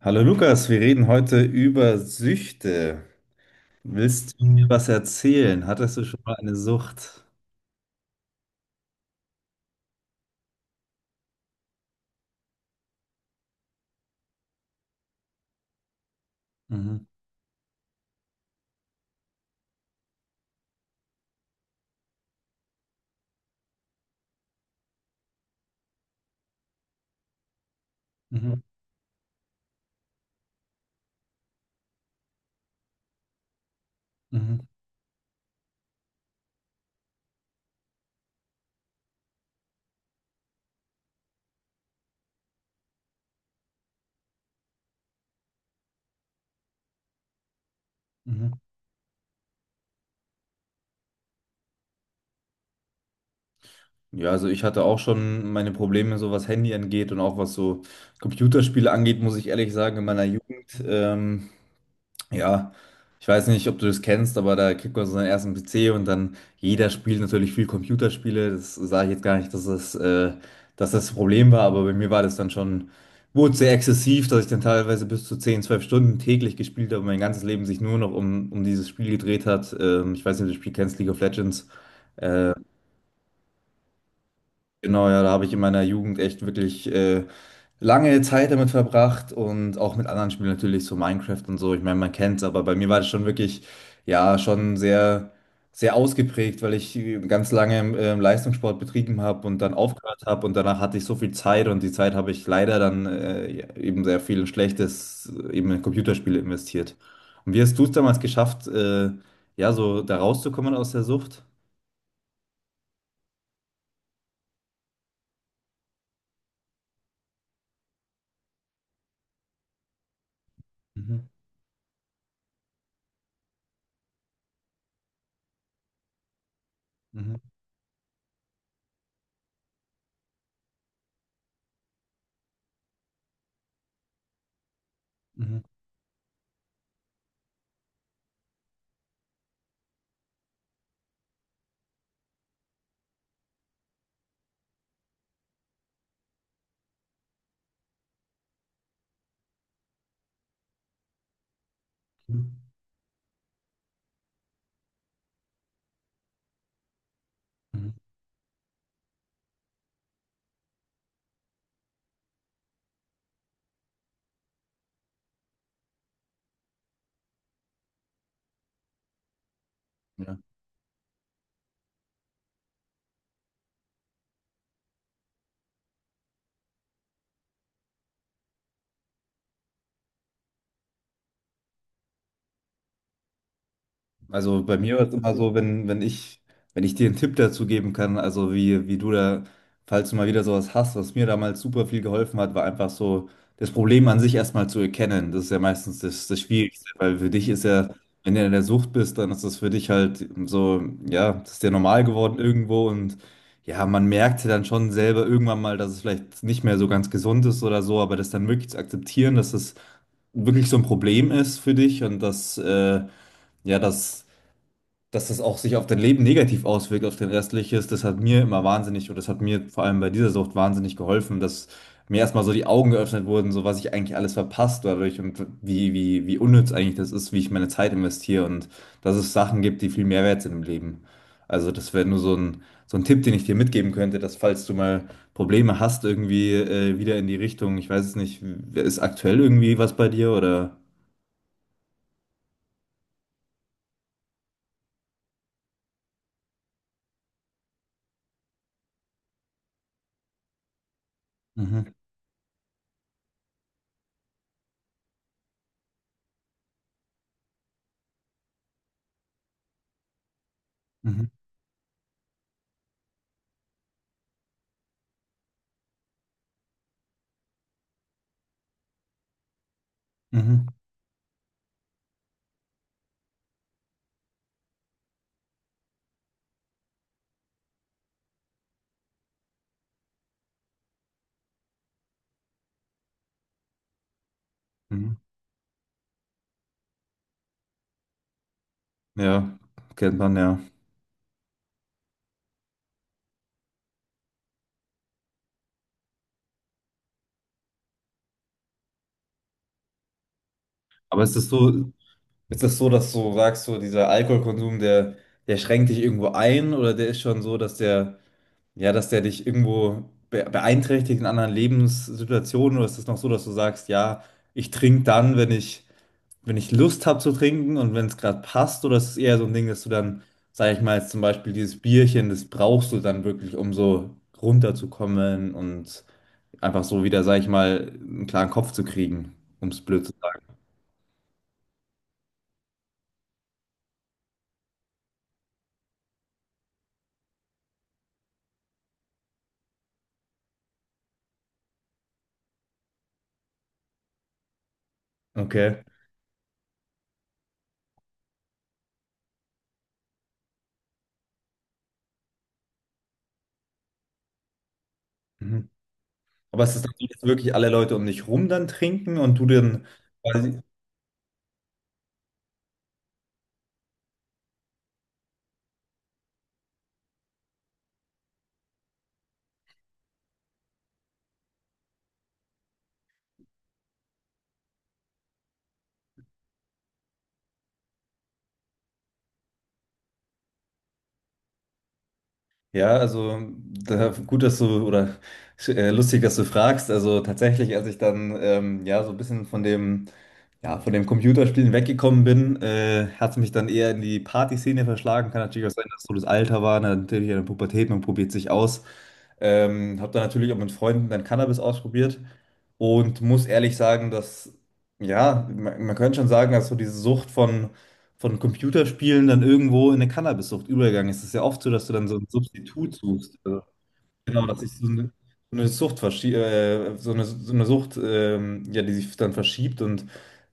Hallo Lukas, wir reden heute über Süchte. Willst du mir was erzählen? Hattest du schon mal eine Sucht? Mhm, mhm, mhm, mhm. Ja, also ich hatte auch schon meine Probleme, so was Handy angeht und auch was so Computerspiele angeht, muss ich ehrlich sagen, in meiner Jugend. Ja, ich weiß nicht, ob du das kennst, aber da kriegt man so seinen ersten PC und dann jeder spielt natürlich viel Computerspiele. Das sage ich jetzt gar nicht, dass das Problem war, aber bei mir war das dann schon, wurde sehr exzessiv, dass ich dann teilweise bis zu 10, 12 Stunden täglich gespielt habe und mein ganzes Leben sich nur noch um dieses Spiel gedreht hat. Ich weiß nicht, ob du das Spiel kennst, League of Legends. Äh, genau, ja, da habe ich in meiner Jugend echt wirklich lange Zeit damit verbracht und auch mit anderen Spielen natürlich, so Minecraft und so. Ich meine, man kennt's, aber bei mir war das schon wirklich, ja, sehr ausgeprägt, weil ich ganz lange Leistungssport betrieben habe und dann aufgehört habe und danach hatte ich so viel Zeit und die Zeit habe ich leider dann ja, eben sehr viel in Schlechtes, eben in Computerspiele investiert. Und wie hast du es damals geschafft, ja, so da rauszukommen aus der Sucht? Mhm, mhm, mhm, mhm, mhm. Also bei mir war es immer so, wenn ich dir einen Tipp dazu geben kann, also wie du da, falls du mal wieder sowas hast, was mir damals super viel geholfen hat, war einfach so, das Problem an sich erstmal zu erkennen. Das ist ja meistens das Schwierigste, weil für dich ist ja, wenn du in der Sucht bist, dann ist das für dich halt so, ja, das ist ja normal geworden irgendwo und ja, man merkt ja dann schon selber irgendwann mal, dass es vielleicht nicht mehr so ganz gesund ist oder so, aber das dann wirklich zu akzeptieren, dass es wirklich so ein Problem ist für dich und ja, dass das auch sich auf dein Leben negativ auswirkt, auf dein restliches, das hat mir immer wahnsinnig, oder das hat mir vor allem bei dieser Sucht wahnsinnig geholfen, dass mir erstmal so die Augen geöffnet wurden, so was ich eigentlich alles verpasst dadurch und wie unnütz eigentlich das ist, wie ich meine Zeit investiere und dass es Sachen gibt, die viel mehr wert sind im Leben. Also das wäre nur so so ein Tipp, den ich dir mitgeben könnte, dass falls du mal Probleme hast, irgendwie wieder in die Richtung, ich weiß es nicht, ist aktuell irgendwie was bei dir oder? Mhm, mhm, mhm, mhm. Ja, kennt man, ja. Aber ist das so, dass du sagst, so dieser Alkoholkonsum, der, der schränkt dich irgendwo ein oder der ist schon so, dass der, ja, dass der dich irgendwo be beeinträchtigt in anderen Lebenssituationen oder ist das noch so, dass du sagst, ja, ich trinke dann, wenn ich Lust habe zu trinken und wenn es gerade passt oder ist es eher so ein Ding, dass du dann, sag ich mal, jetzt zum Beispiel dieses Bierchen, das brauchst du dann wirklich, um so runterzukommen und einfach so wieder, sag ich mal, einen klaren Kopf zu kriegen, um es blöd zu sagen. Okay. Mhm. Aber es ist dann so, dass wirklich alle Leute um dich rum dann trinken und du dann quasi, ja, also da, gut, dass du, oder lustig, dass du fragst. Also tatsächlich, als ich dann ja so ein bisschen von dem, ja, von dem Computerspielen weggekommen bin, hat es mich dann eher in die Partyszene verschlagen. Kann natürlich auch sein, dass so das Alter war, ne, natürlich in der Pubertät, man probiert sich aus. Habe dann natürlich auch mit Freunden dann Cannabis ausprobiert und muss ehrlich sagen, dass, ja, man könnte schon sagen, dass so diese Sucht von Computerspielen dann irgendwo in eine Cannabissucht übergegangen ist. Es ist ja oft so, dass du dann so ein Substitut suchst. Also, genau, dass sich so eine, so eine, so eine Sucht, ja, die sich dann verschiebt. Und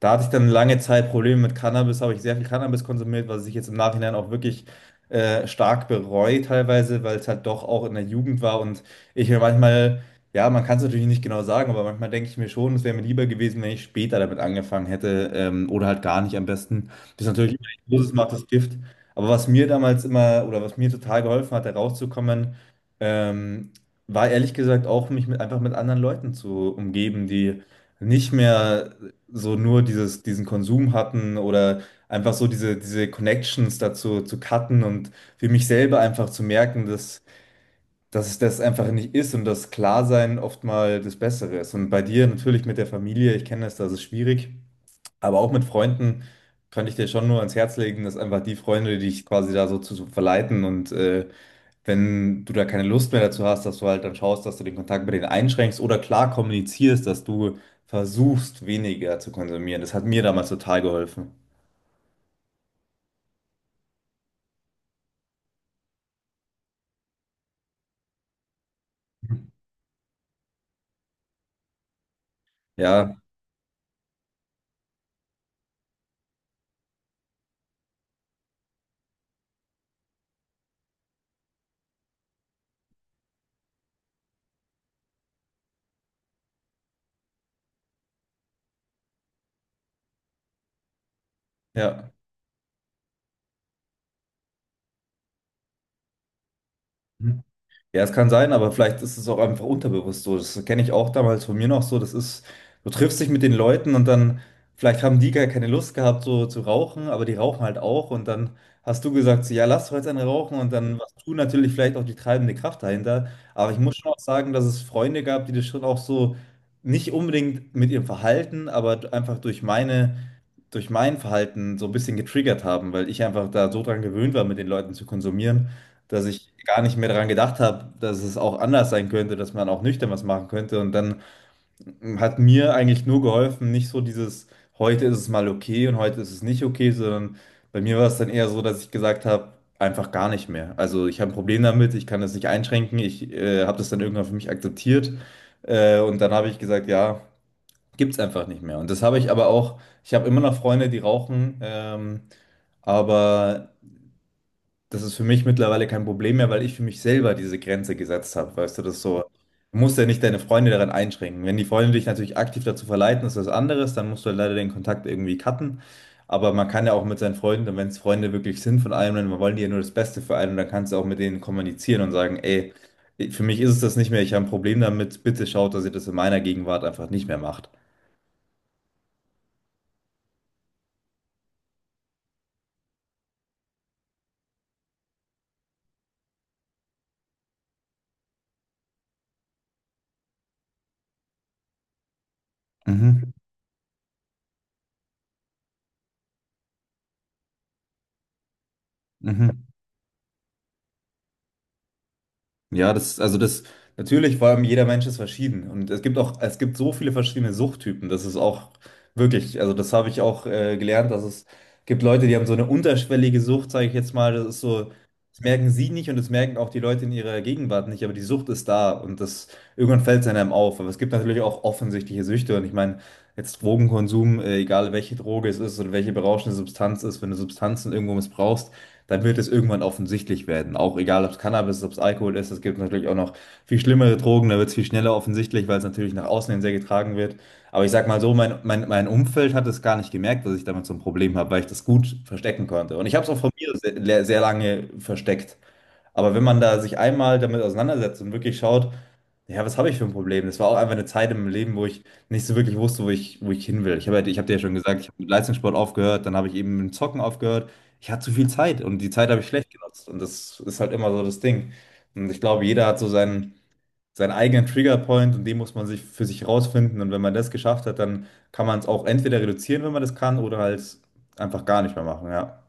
da hatte ich dann lange Zeit Probleme mit Cannabis, habe ich sehr viel Cannabis konsumiert, was ich jetzt im Nachhinein auch wirklich stark bereue teilweise, weil es halt doch auch in der Jugend war. Und ich mir manchmal, ja, man kann es natürlich nicht genau sagen, aber manchmal denke ich mir schon, es wäre mir lieber gewesen, wenn ich später damit angefangen hätte, oder halt gar nicht am besten. Das ist natürlich, Dosis macht das Gift. Aber was mir damals immer oder was mir total geholfen hat, da rauszukommen, ähm, war ehrlich gesagt auch, einfach mit anderen Leuten zu umgeben, die nicht mehr diesen Konsum hatten oder einfach so diese Connections dazu zu cutten und für mich selber einfach zu merken, dass, dass es das einfach nicht ist und dass Klarsein oft mal das Bessere ist. Und bei dir natürlich mit der Familie, ich kenne das, das ist schwierig, aber auch mit Freunden kann ich dir schon nur ans Herz legen, dass einfach die Freunde, die dich quasi zu verleiten und wenn du da keine Lust mehr dazu hast, dass du halt dann schaust, dass du den Kontakt mit denen einschränkst oder klar kommunizierst, dass du versuchst, weniger zu konsumieren. Das hat mir damals total geholfen. Ja, ja. Ja, es kann sein, aber vielleicht ist es auch einfach unterbewusst so. Das kenne ich auch damals von mir noch so. Das ist, du triffst dich mit den Leuten und dann, vielleicht haben die gar keine Lust gehabt, so zu rauchen, aber die rauchen halt auch. Und dann hast du gesagt, so, ja, lass doch jetzt einen rauchen. Und dann warst du natürlich vielleicht auch die treibende Kraft dahinter. Aber ich muss schon auch sagen, dass es Freunde gab, die das schon auch so nicht unbedingt mit ihrem Verhalten, aber einfach durch meine durch mein Verhalten so ein bisschen getriggert haben, weil ich einfach da so dran gewöhnt war, mit den Leuten zu konsumieren, dass ich gar nicht mehr daran gedacht habe, dass es auch anders sein könnte, dass man auch nüchtern was machen könnte. Und dann hat mir eigentlich nur geholfen, nicht so dieses, heute ist es mal okay und heute ist es nicht okay, sondern bei mir war es dann eher so, dass ich gesagt habe, einfach gar nicht mehr. Also ich habe ein Problem damit, ich kann das nicht einschränken, ich habe das dann irgendwann für mich akzeptiert. Und dann habe ich gesagt, ja. Gibt's einfach nicht mehr. Und das habe ich aber auch, ich habe immer noch Freunde, die rauchen, aber das ist für mich mittlerweile kein Problem mehr, weil ich für mich selber diese Grenze gesetzt habe. Weißt du, das ist so, du musst ja nicht deine Freunde daran einschränken. Wenn die Freunde dich natürlich aktiv dazu verleiten, ist das anderes, dann musst du halt leider den Kontakt irgendwie cutten. Aber man kann ja auch mit seinen Freunden, und wenn es Freunde wirklich sind von einem, dann wollen die ja nur das Beste für einen und dann kannst du auch mit denen kommunizieren und sagen, ey, für mich ist es das nicht mehr, ich habe ein Problem damit, bitte schaut, dass ihr das in meiner Gegenwart einfach nicht mehr macht. Mhm. Mhm. Ja, natürlich, vor allem jeder Mensch ist verschieden. Und es gibt auch, es gibt so viele verschiedene Suchttypen. Das ist auch wirklich, also das habe ich auch gelernt, dass es gibt Leute, die haben so eine unterschwellige Sucht, sage ich jetzt mal. Das ist so, das merken sie nicht und das merken auch die Leute in ihrer Gegenwart nicht, aber die Sucht ist da und das, irgendwann fällt es einem auf. Aber es gibt natürlich auch offensichtliche Süchte. Und ich meine, jetzt Drogenkonsum, egal welche Droge es ist oder welche berauschende Substanz ist, wenn du Substanzen irgendwo missbrauchst, dann wird es irgendwann offensichtlich werden. Auch egal, ob es Cannabis ist, ob es Alkohol ist, es gibt natürlich auch noch viel schlimmere Drogen, da wird es viel schneller offensichtlich, weil es natürlich nach außen hin sehr getragen wird. Aber ich sag mal so, mein Umfeld hat es gar nicht gemerkt, dass ich damit so ein Problem habe, weil ich das gut verstecken konnte. Und ich habe es auch von mir sehr lange versteckt. Aber wenn man da sich einmal damit auseinandersetzt und wirklich schaut, ja, was habe ich für ein Problem? Das war auch einfach eine Zeit im Leben, wo ich nicht so wirklich wusste, wo ich hin will. Ich habe dir ja schon gesagt, ich habe mit Leistungssport aufgehört, dann habe ich eben mit dem Zocken aufgehört. Ich hatte zu viel Zeit und die Zeit habe ich schlecht genutzt. Und das ist halt immer so das Ding. Und ich glaube, jeder hat so seinen eigenen Triggerpoint und den muss man sich für sich rausfinden. Und wenn man das geschafft hat, dann kann man es auch entweder reduzieren, wenn man das kann, oder halt einfach gar nicht mehr machen, ja.